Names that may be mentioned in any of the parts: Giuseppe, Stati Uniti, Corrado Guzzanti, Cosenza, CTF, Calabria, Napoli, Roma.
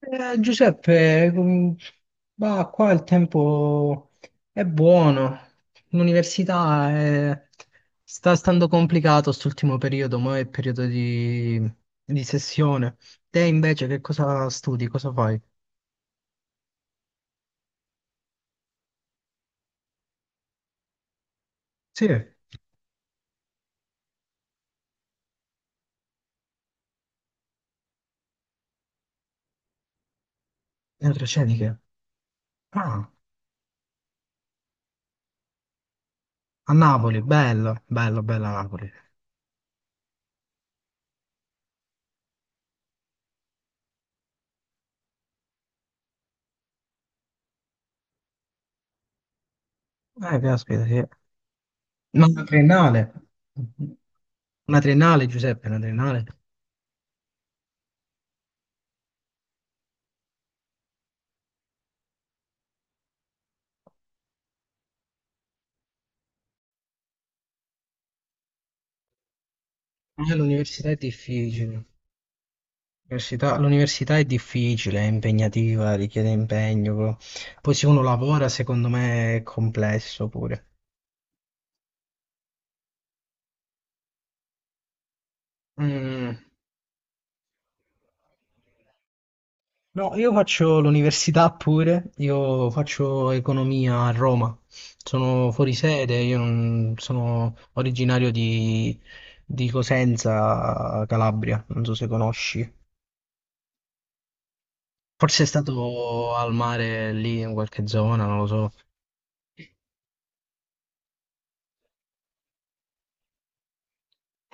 Giuseppe, bah, qua il tempo è buono, l'università è- sta stando complicato st'ultimo periodo, ma è periodo di sessione. Te invece che cosa studi, cosa fai? Sì, neuroscienze. Ah, a Napoli, bello, bello, bella Napoli. Caspita, sì. Ma una triennale? Una triennale, Giuseppe, una triennale? L'università è difficile. L'università è difficile, è impegnativa, richiede impegno. Poi se uno lavora, secondo me è complesso pure. Mm, No, io faccio l'università pure, io faccio economia a Roma. Sono fuori sede, io non- sono originario di Cosenza, Calabria, non so se conosci. Forse è stato al mare lì in qualche zona, non lo so.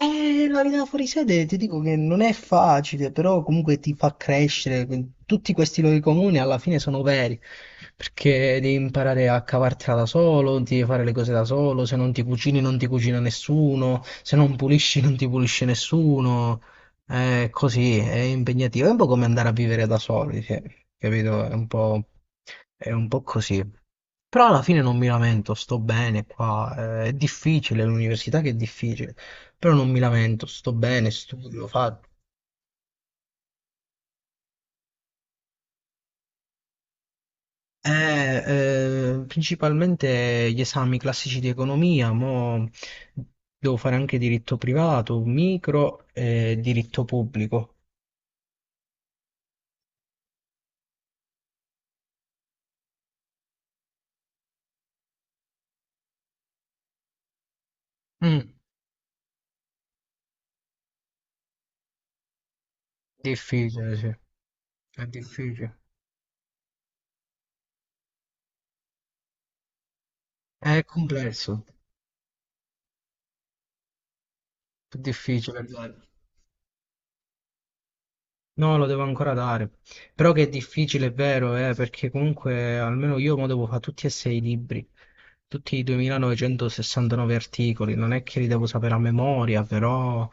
La vita fuori sede ti dico che non è facile, però comunque ti fa crescere. Tutti questi luoghi comuni alla fine sono veri, perché devi imparare a cavartela da solo, devi fare le cose da solo, se non ti cucini non ti cucina nessuno, se non pulisci non ti pulisce nessuno. È così, è impegnativo, è un po' come andare a vivere da soli, sì, capito? È un po' così. Però alla fine non mi lamento, sto bene qua, è difficile l'università che è difficile. Però non mi lamento, sto bene, studio. Principalmente gli esami classici di economia, mo devo fare anche diritto privato, micro e diritto pubblico. Mm, Difficile, sì, è difficile. È complesso, è difficile. Dai. No, lo devo ancora dare. Però che è difficile, è vero, perché comunque almeno io mo devo fare tutti e sei i libri, tutti i 2969 articoli, non è che li devo sapere a memoria, però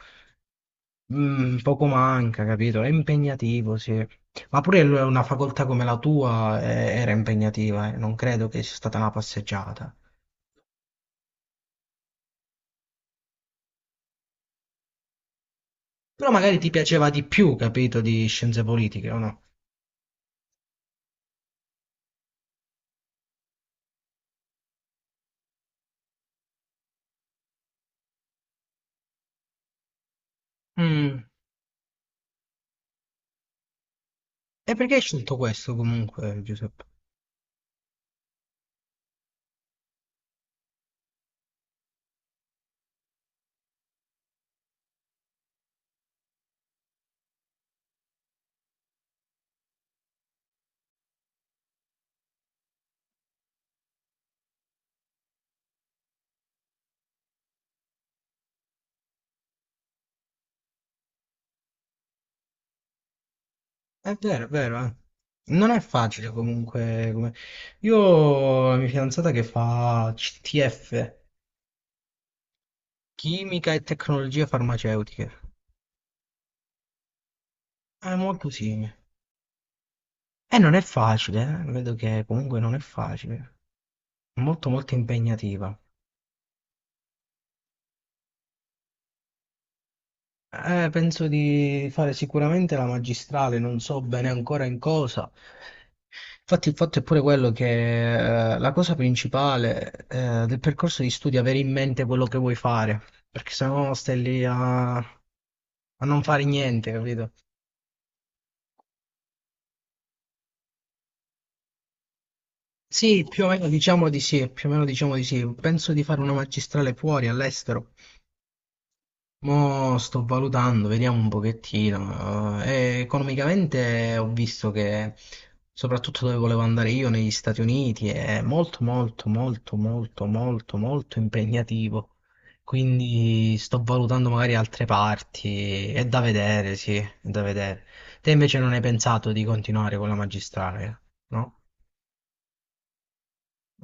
poco manca, capito? È impegnativo, sì. Una facoltà come la tua era impegnativa. Non credo che sia stata una passeggiata. Però magari ti piaceva di più, capito, di scienze politiche, o no? Mm. E perché hai scelto questo comunque, Giuseppe? È vero, eh. Non è facile comunque. Io ho la mia fidanzata che fa CTF, Chimica e Tecnologie Farmaceutiche. È molto simile. E non è facile, eh. Vedo che comunque non è facile. È molto molto impegnativa. Penso di fare sicuramente la magistrale, non so bene ancora in cosa. Infatti, il fatto è pure quello che la cosa principale del percorso di studio è avere in mente quello che vuoi fare, perché sennò stai lì a non fare niente, capito? Sì, più o meno diciamo di sì, più o meno diciamo di sì. Penso di fare una magistrale fuori, all'estero. Mo sto valutando, vediamo un pochettino. Economicamente ho visto che, soprattutto dove volevo andare io, negli Stati Uniti, è molto, molto, molto, molto, molto, molto impegnativo. Quindi sto valutando magari altre parti. È da vedere, sì, è da vedere. Te invece non hai pensato di continuare con la magistrale, no?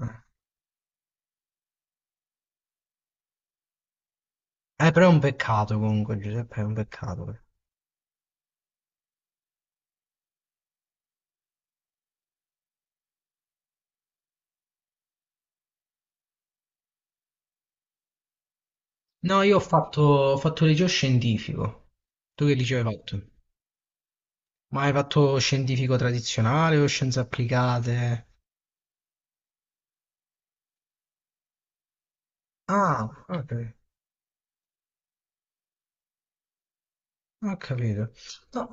Eh, Però è un peccato comunque, Giuseppe, è un peccato. No, io ho fatto liceo scientifico. Tu che liceo hai fatto? Ma hai fatto scientifico tradizionale o scienze applicate? Ah, ok, ho capito. No,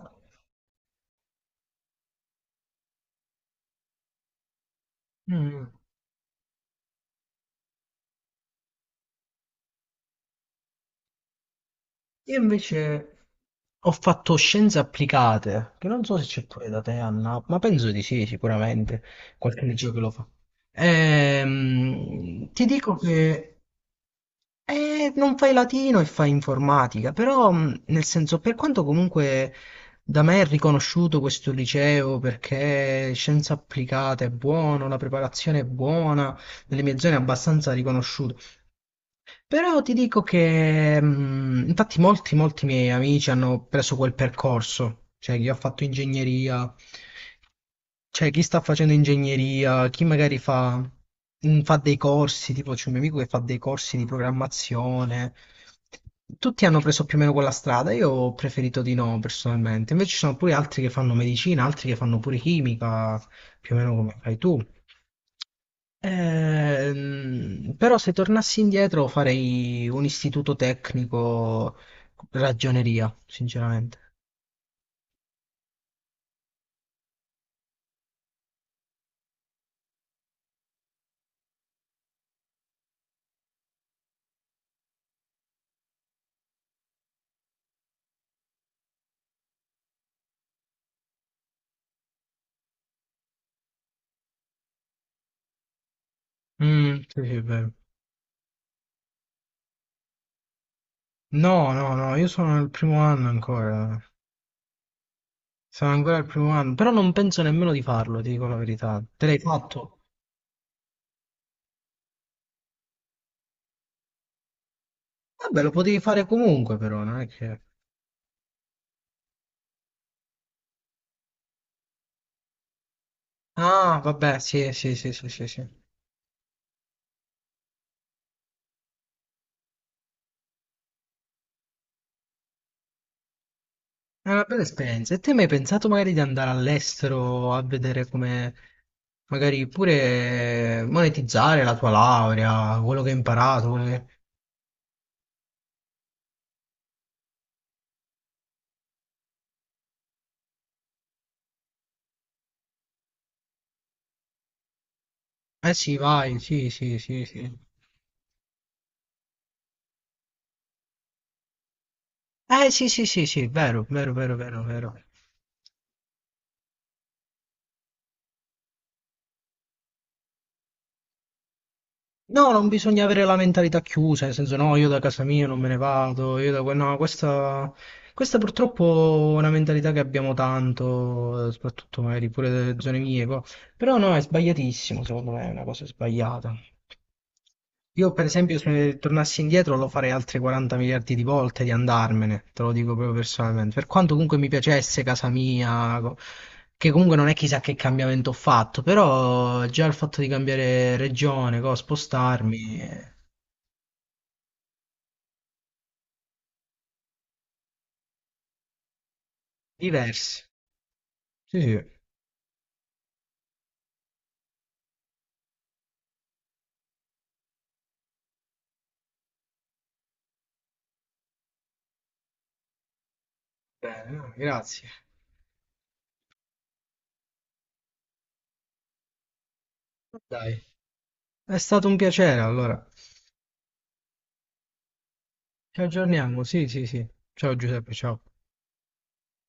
mm, io invece ho fatto scienze applicate, che non so se c'è pure da te a Napoli, ma penso di sì, sicuramente, qualche liceo che lo fa. Ti dico che non fai latino e fai informatica, però nel senso, per quanto comunque da me è riconosciuto questo liceo perché scienze applicate è buono, la preparazione è buona, nelle mie zone è abbastanza riconosciuto. Però ti dico che, infatti, molti, molti miei amici hanno preso quel percorso, cioè chi ha fatto ingegneria, cioè chi sta facendo ingegneria, chi magari fa dei corsi, tipo c'è un mio amico che fa dei corsi di programmazione. Tutti hanno preso più o meno quella strada, io ho preferito di no personalmente. Invece ci sono pure altri che fanno medicina, altri che fanno pure chimica, più o meno come fai tu. Però se tornassi indietro farei un istituto tecnico ragioneria, sinceramente. Mm, sì, sì, è vero. No, no, no, io sono al primo anno ancora. Sono ancora al primo anno, però non penso nemmeno di farlo, ti dico la verità. Te l'hai fatto? Vabbè, lo potevi fare comunque, però, non è che. Ah, vabbè, sì, sì, sì, sì, sì, sì. È una bella esperienza. E te hai mai pensato magari di andare all'estero a vedere come magari pure monetizzare la tua laurea, quello che hai imparato? Eh sì, vai, sì, sì, sì, sì. Eh sì, sì, sì, sì, vero, vero, vero, vero, vero. No, non bisogna avere la mentalità chiusa, nel senso no, io da casa mia non me ne vado, No, questa purtroppo è una mentalità che abbiamo tanto, soprattutto magari pure delle zone mie, però no, è sbagliatissimo, secondo me è una cosa sbagliata. Io per esempio se tornassi indietro lo farei altre 40 miliardi di volte di andarmene, te lo dico proprio personalmente, per quanto comunque mi piacesse casa mia, che comunque non è chissà che cambiamento ho fatto, però già il fatto di cambiare regione, spostarmi, diversi. Sì, sì. Bene, no, grazie. Dai, è stato un piacere allora. Ci aggiorniamo, sì, sì, sì. Ciao Giuseppe, ciao.